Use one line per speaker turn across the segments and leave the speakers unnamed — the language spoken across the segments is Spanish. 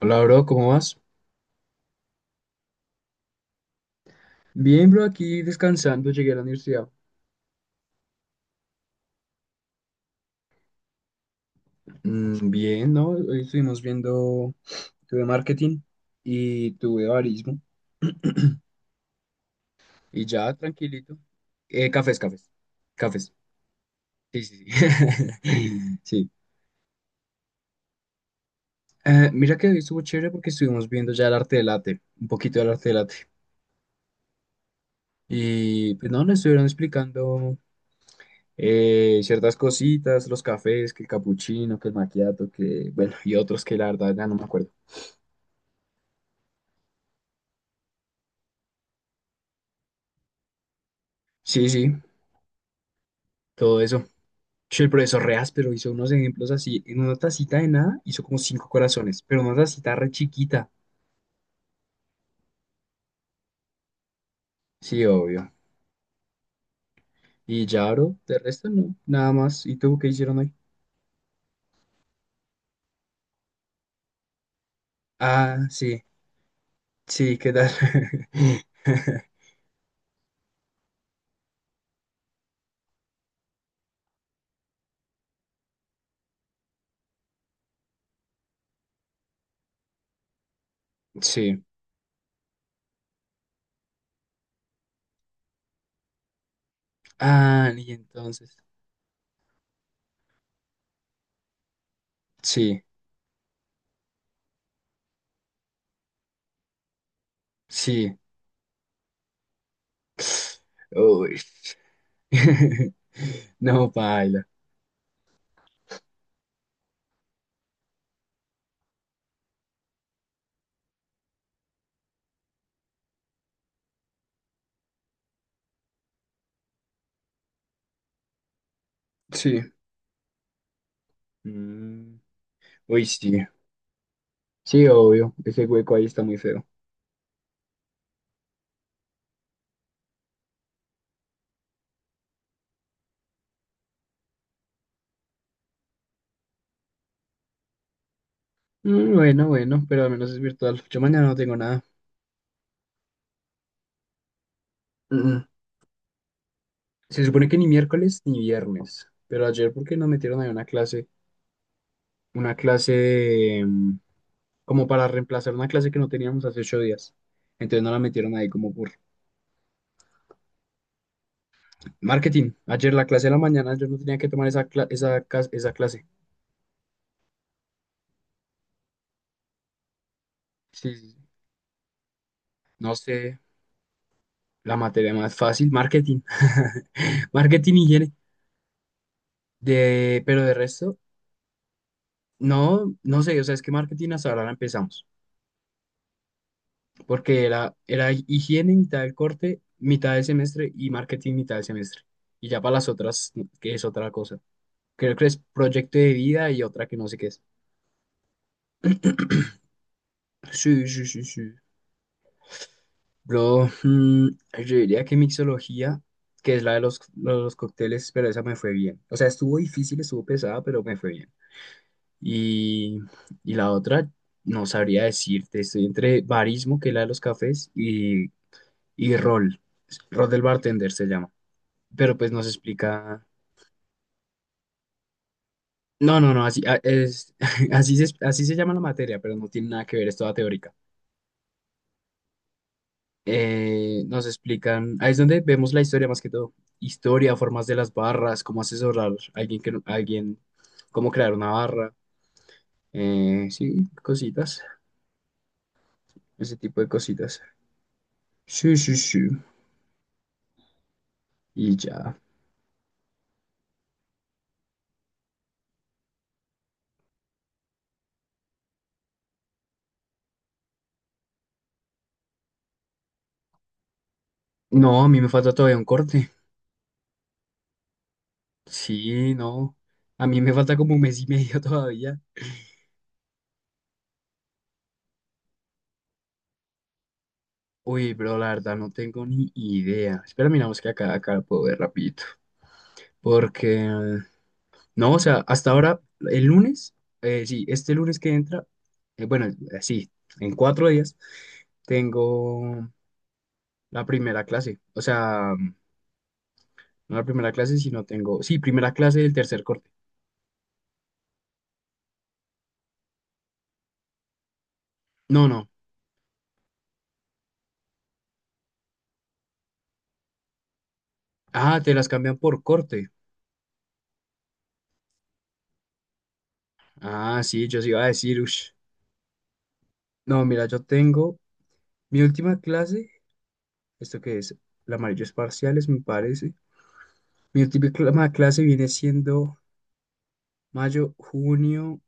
Hola, bro, ¿cómo vas? Bien, bro, aquí descansando, llegué a la universidad. Mm, bien, ¿no? Hoy estuvimos viendo, tuve marketing y tuve barismo y ya, tranquilito. Cafés, cafés, cafés. Sí, sí, sí. Sí. Mira que hoy estuvo chévere porque estuvimos viendo ya el arte del latte, un poquito del arte del latte. Y pues no, nos estuvieron explicando ciertas cositas, los cafés, que el capuchino, que el macchiato, que, bueno, y otros que la verdad ya no me acuerdo. Sí, sí, todo eso. Che, el profesor re áspero hizo unos ejemplos así. En una tacita de nada hizo como cinco corazones, pero una tacita re chiquita. Sí, obvio. Y ya, bro, de resto no, nada más. ¿Y tú qué hicieron hoy? Ah, sí, sí, ¿qué tal? Sí. Ah, y entonces. Sí, sí. Uy. No, paila. Sí. Mm. Uy, sí. Sí, obvio. Ese hueco ahí está muy feo. Mm, bueno, bueno, pero al menos es virtual. Yo mañana no tengo nada. Mm. Se supone que ni miércoles ni viernes, pero ayer porque nos metieron ahí una clase de, como para reemplazar una clase que no teníamos hace ocho días. Entonces nos la metieron ahí como por marketing. Ayer la clase de la mañana yo no tenía que tomar esa clase. Sí, sí, sí. No sé, la materia más fácil, marketing. Marketing y higiene. De, pero de resto, no, no sé, o sea, es que marketing hasta ahora la empezamos. Porque era, era higiene mitad del corte, mitad del semestre y marketing mitad del semestre. Y ya para las otras, que es otra cosa. Creo que es proyecto de vida y otra que no sé qué es. Sí, sí, sí, sí. Bro, yo diría que mixología, que es la de los cócteles, pero esa me fue bien. O sea, estuvo difícil, estuvo pesada, pero me fue bien. Y, y la otra, no sabría decirte, estoy entre barismo, que es la de los cafés, y rol. Rol del bartender se llama. Pero pues nos explica. No, no, no, así, así se llama la materia, pero no tiene nada que ver, es toda teórica. Nos explican, ahí es donde vemos la historia más que todo. Historia, formas de las barras, cómo asesorar a alguien que no- a alguien, cómo crear una barra. Eh, sí, cositas, ese tipo de cositas. Sí, sí, sí. Y ya. No, a mí me falta todavía un corte. Sí, no. A mí me falta como un mes y medio todavía. Uy, bro, la verdad no tengo ni idea. Espera, miramos que acá lo puedo ver rapidito. Porque, no, o sea, hasta ahora, el lunes, sí, este lunes que entra, bueno, sí, en cuatro días, tengo la primera clase. O sea, no la primera clase, sino tengo, sí, primera clase del tercer corte. No, no. Ah, te las cambian por corte. Ah, sí, yo sí iba a decir, ush. No, mira, yo tengo mi última clase, esto que es, la amarillo es parciales, me parece. Mi última clase viene siendo mayo, junio,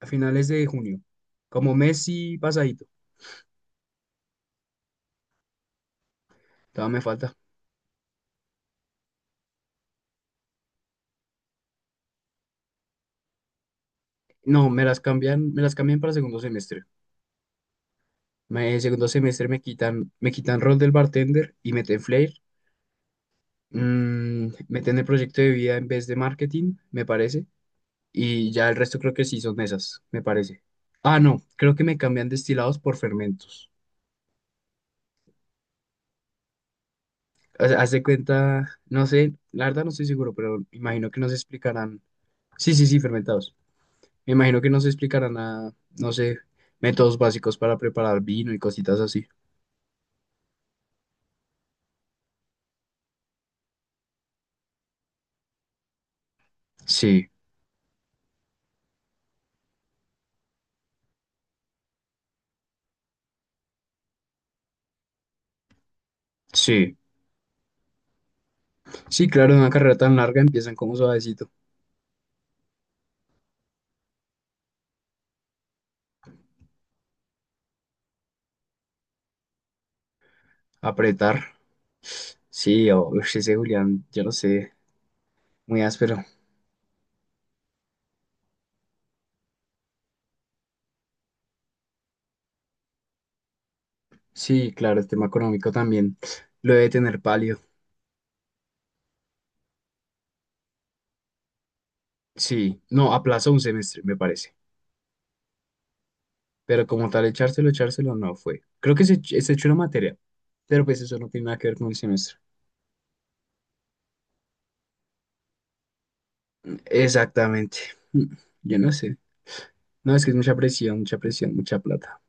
a finales de junio, como mes y pasadito. Todavía me falta. No, me las cambian para segundo semestre. Me, segundo semestre me quitan rol del bartender y meten flair. Mm, meten el proyecto de vida en vez de marketing, me parece. Y ya el resto creo que sí son esas, me parece. Ah, no, creo que me cambian destilados por fermentos. O sea, haz de cuenta, no sé, la verdad no estoy seguro, pero imagino que nos explicarán. Sí, sí, sí, fermentados. Me imagino que nos explicarán a, no sé, métodos básicos para preparar vino y cositas así. Sí, sí. Sí, claro, en una carrera tan larga empiezan como suavecito. Apretar. Sí, o uf, ese Julián, yo no sé, muy áspero. Sí, claro, el tema económico también lo debe tener pálido. Sí, no, aplazó un semestre, me parece. Pero como tal, echárselo, echárselo no fue. Creo que se echó una materia, pero pues eso no tiene nada que ver con el semestre. Exactamente. Mm. Yo no sé. No, es que es mucha presión, mucha presión, mucha plata.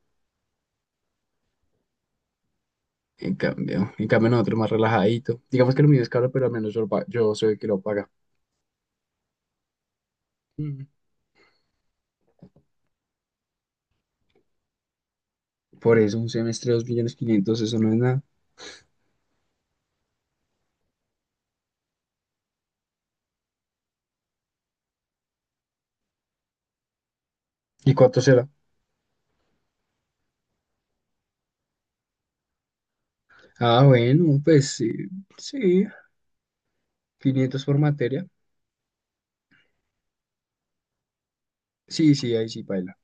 En cambio nosotros más relajadito. Digamos que lo mío es caro, pero al menos yo soy el que lo paga. Mm. Por eso un semestre, dos millones quinientos, eso no es nada. ¿Y cuánto será? Ah, bueno, pues sí, sí, quinientos por materia. Sí, sí, ahí sí baila.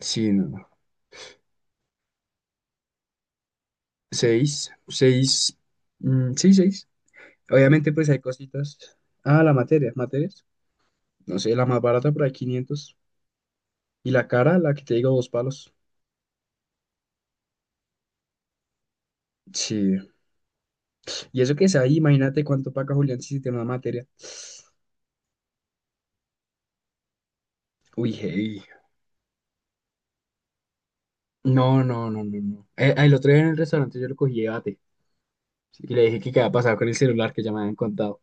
Sí, no, no. Seis, seis, mm, sí, seis. Obviamente, pues hay cositas. Ah, la materia, materias. No sé, la más barata por ahí 500. Y la cara, la que te digo, dos palos. Sí. Y eso que es ahí, imagínate cuánto paga Julián si tiene una materia. Uy, hey. No, no, no, no, no. El, otro día en el restaurante yo lo cogí de bate. Y le dije que qué había pasado con el celular que ya me habían contado.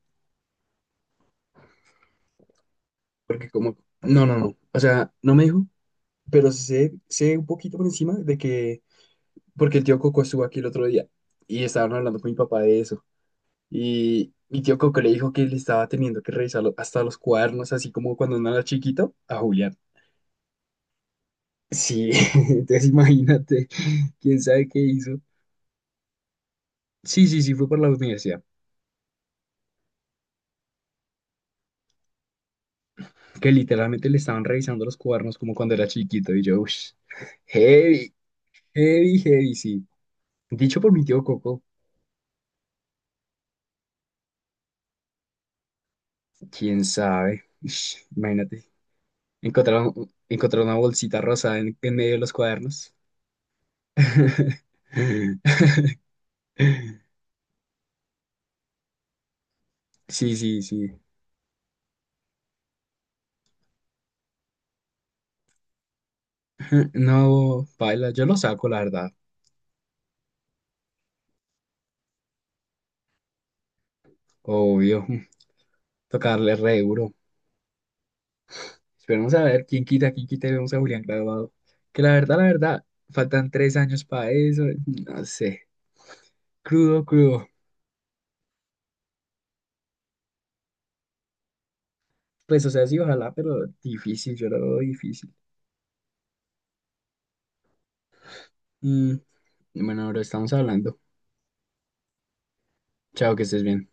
Porque como... No, no, no. O sea, no me dijo, pero sé un poquito por encima de que... Porque el tío Coco estuvo aquí el otro día y estaban hablando con mi papá de eso. Y mi tío Coco le dijo que le estaba teniendo que hasta los cuadernos, así como cuando uno era chiquito, a Julián. Sí, entonces imagínate, quién sabe qué hizo. Sí, sí, sí, fue por la universidad, que literalmente le estaban revisando los cuadernos como cuando era chiquito y yo, uff, heavy, heavy, heavy, sí. Dicho por mi tío Coco, quién sabe. Ush, imagínate, encontrar una bolsita rosada en medio de los cuadernos. Sí, sí, sí. No, baila, yo lo saco, la verdad, obvio, tocarle re duro. Esperemos a ver quién quita y vemos a Julián graduado. Que la verdad, faltan tres años para eso. No sé. Crudo, crudo. Pues, o sea, sí, ojalá, pero difícil, yo lo veo difícil. Mm, bueno, ahora estamos hablando. Chao, que estés bien.